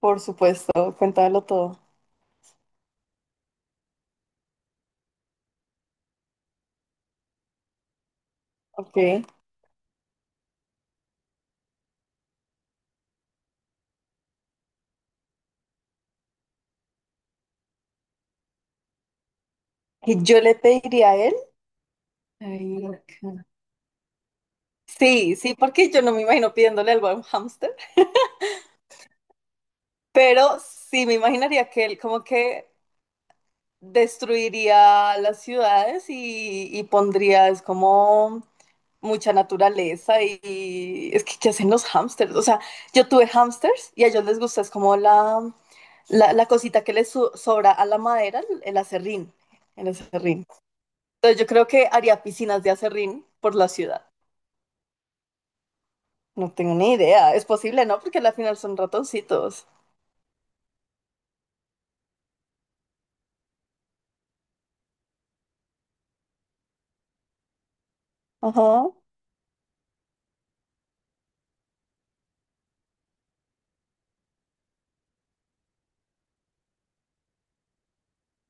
Por supuesto, cuéntalo todo. Ok. Y yo le pediría a él. Ay, ok. Sí, sí, porque yo no me imagino pidiéndole algo a un hámster, pero sí me imaginaría que él como que destruiría las ciudades y pondría, es como mucha naturaleza y es que ¿qué hacen los hámsters? O sea, yo tuve hámsters y a ellos les gusta, es como la cosita que les sobra a la madera, el acerrín, el acerrín. Entonces yo creo que haría piscinas de acerrín por la ciudad. No tengo ni idea. Es posible, ¿no? Porque al final son ratoncitos. Ajá.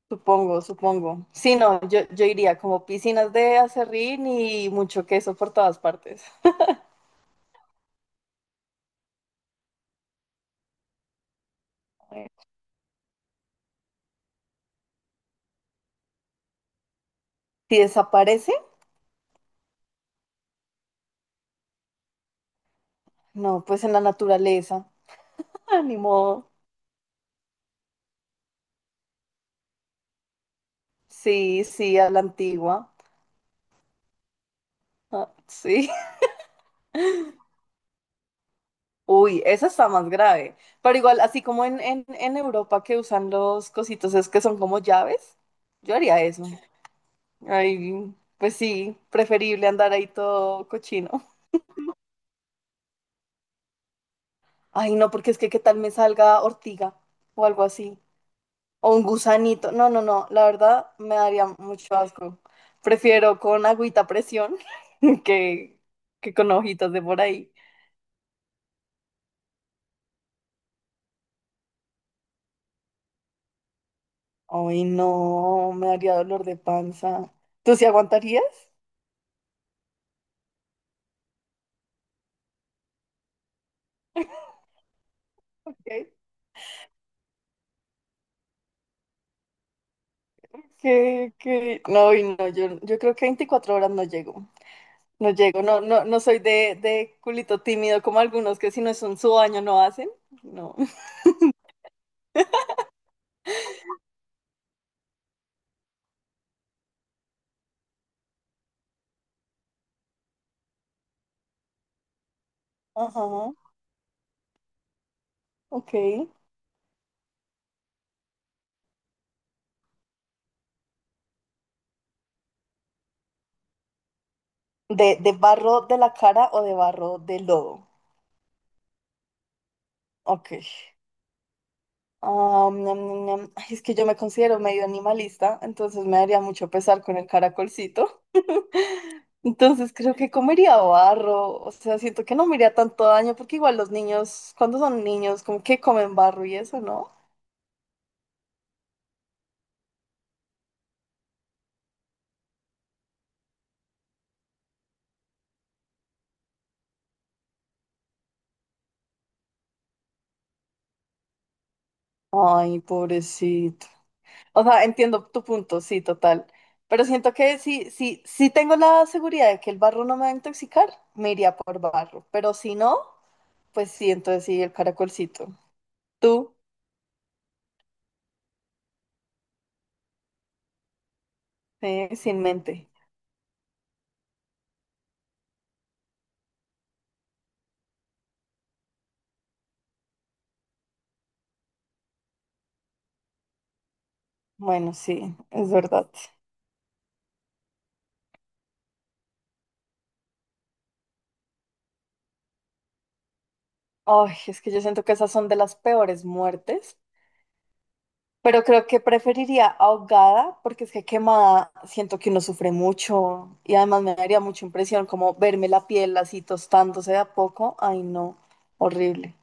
Supongo, supongo. Sí, no, yo iría como piscinas de acerrín y mucho queso por todas partes. Si desaparece, no, pues en la naturaleza. Ah, ni modo. Sí, sí, a la antigua. Ah, sí. Uy, esa está más grave. Pero igual, así como en, en Europa que usan los cositos, es que son como llaves, yo haría eso. Ay, pues sí, preferible andar ahí todo cochino. Ay, no, porque es que qué tal me salga ortiga o algo así. O un gusanito. No, no, no, la verdad me daría mucho asco. Prefiero con agüita a presión que, que con hojitas de por ahí. Ay, no, me daría dolor de panza. ¿Tú sí aguantarías? ¿Qué? ¿Qué? No, y no, yo creo que 24 horas no llego. No llego, no, no, no soy de, culito tímido como algunos que si no es un su baño no hacen. No. Ajá, ok. ¿De, barro de la cara o de barro de lodo? Ok. Am, ñam, ñam, ñam. Ay, es que yo me considero medio animalista, entonces me daría mucho pesar con el caracolcito. Entonces creo que comería barro, o sea, siento que no me haría tanto daño porque igual los niños, cuando son niños, como que comen barro y eso, ¿no? Ay, pobrecito. O sea, entiendo tu punto, sí, total. Pero siento que si, si, si tengo la seguridad de que el barro no me va a intoxicar, me iría por barro. Pero si no, pues sí, entonces sí, el caracolcito. Tú, sin mente. Bueno, sí, es verdad. Ay, es que yo siento que esas son de las peores muertes. Pero creo que preferiría ahogada, porque es que quemada siento que uno sufre mucho. Y además me daría mucha impresión como verme la piel así tostándose de a poco. Ay, no, horrible.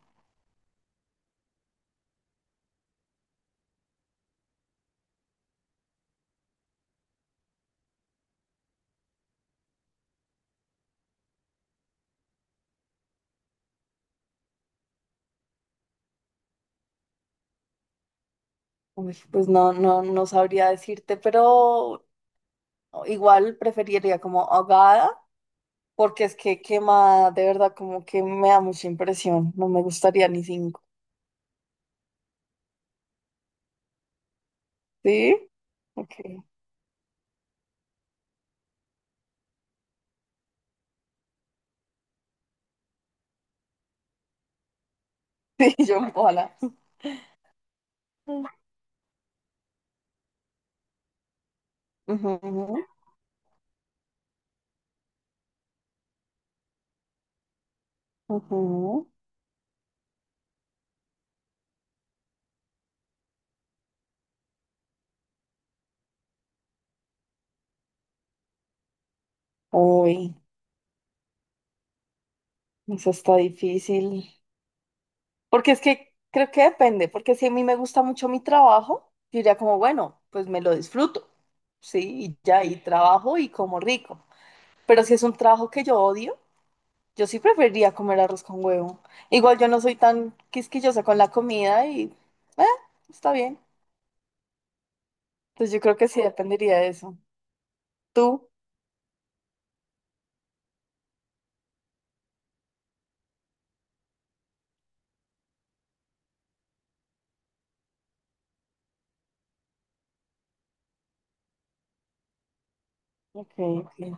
Uy, pues no, no, no sabría decirte, pero igual preferiría como ahogada, porque es que quema de verdad, como que me da mucha impresión. No me gustaría ni cinco. ¿Sí? Ok. Sí, yo ojalá. Ujú, ujú. Uy, eso está difícil. Porque es que creo que depende, porque si a mí me gusta mucho mi trabajo, yo diría como, bueno, pues me lo disfruto, sí, y ya, y trabajo y como rico. Pero si es un trabajo que yo odio, yo sí preferiría comer arroz con huevo. Igual yo no soy tan quisquillosa con la comida y eh, está bien. Entonces yo creo que sí dependería de eso. ¿Tú? Ok, ok.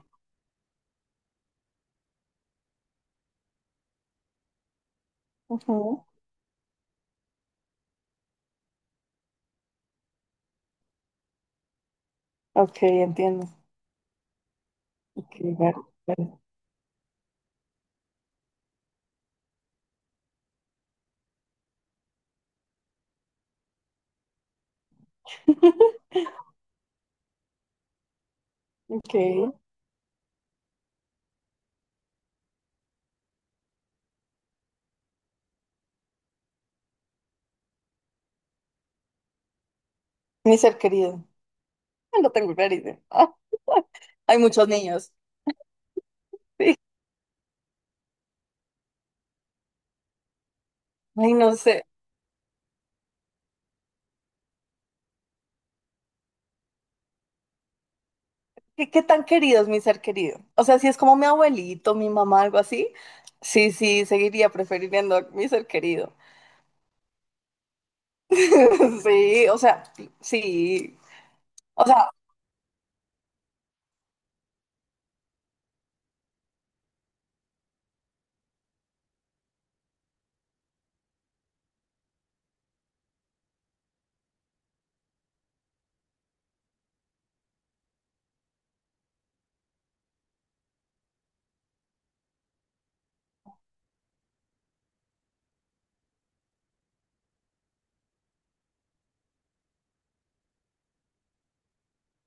Ujú. Ok, entiendo. Ok, ver- ver. Ok. Mi ser querido. No tengo clarísimo. Ah, hay muchos niños. Sí. Ay, no sé. ¿Qué, qué tan querido es mi ser querido? O sea, si es como mi abuelito, mi mamá, algo así, sí, sí, seguiría prefiriendo a mi ser querido. Sí, o sea, sí. O sea,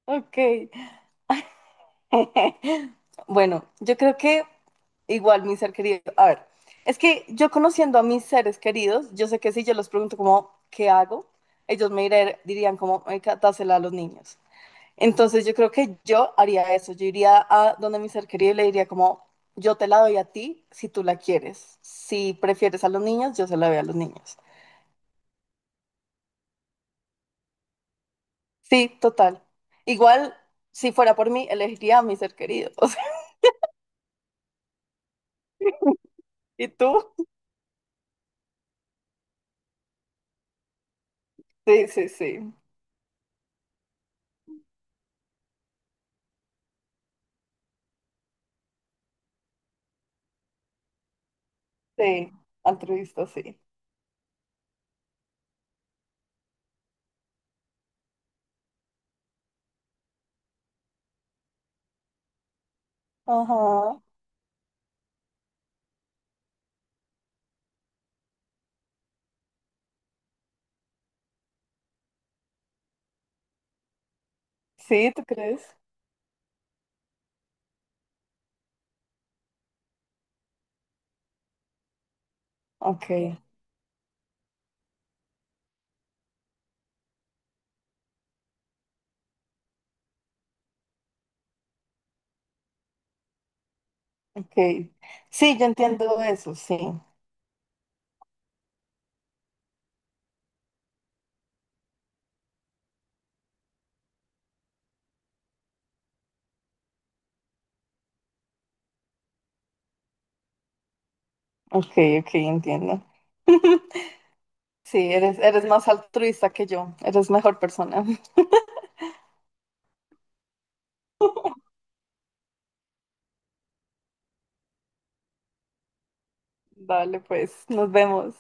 ok. Bueno, yo creo que igual mi ser querido. A ver, es que yo conociendo a mis seres queridos, yo sé que si yo les pregunto como, ¿qué hago? Ellos me dirían como, "Marica, dásela a los niños". Entonces yo creo que yo haría eso. Yo iría a donde mi ser querido y le diría como, yo te la doy a ti si tú la quieres. Si prefieres a los niños, yo se la doy a los niños. Sí, total. Igual, si fuera por mí, elegiría a mi ser querido. O sea, ¿y tú? Sí, sí, sí. Sí, altruista, sí. Ajá. Sí, ¿tú crees? Ok, ok. Sí, yo entiendo eso, sí. Ok, ok, entiendo. Sí, eres más altruista que yo. Eres mejor persona. Dale, pues, nos vemos.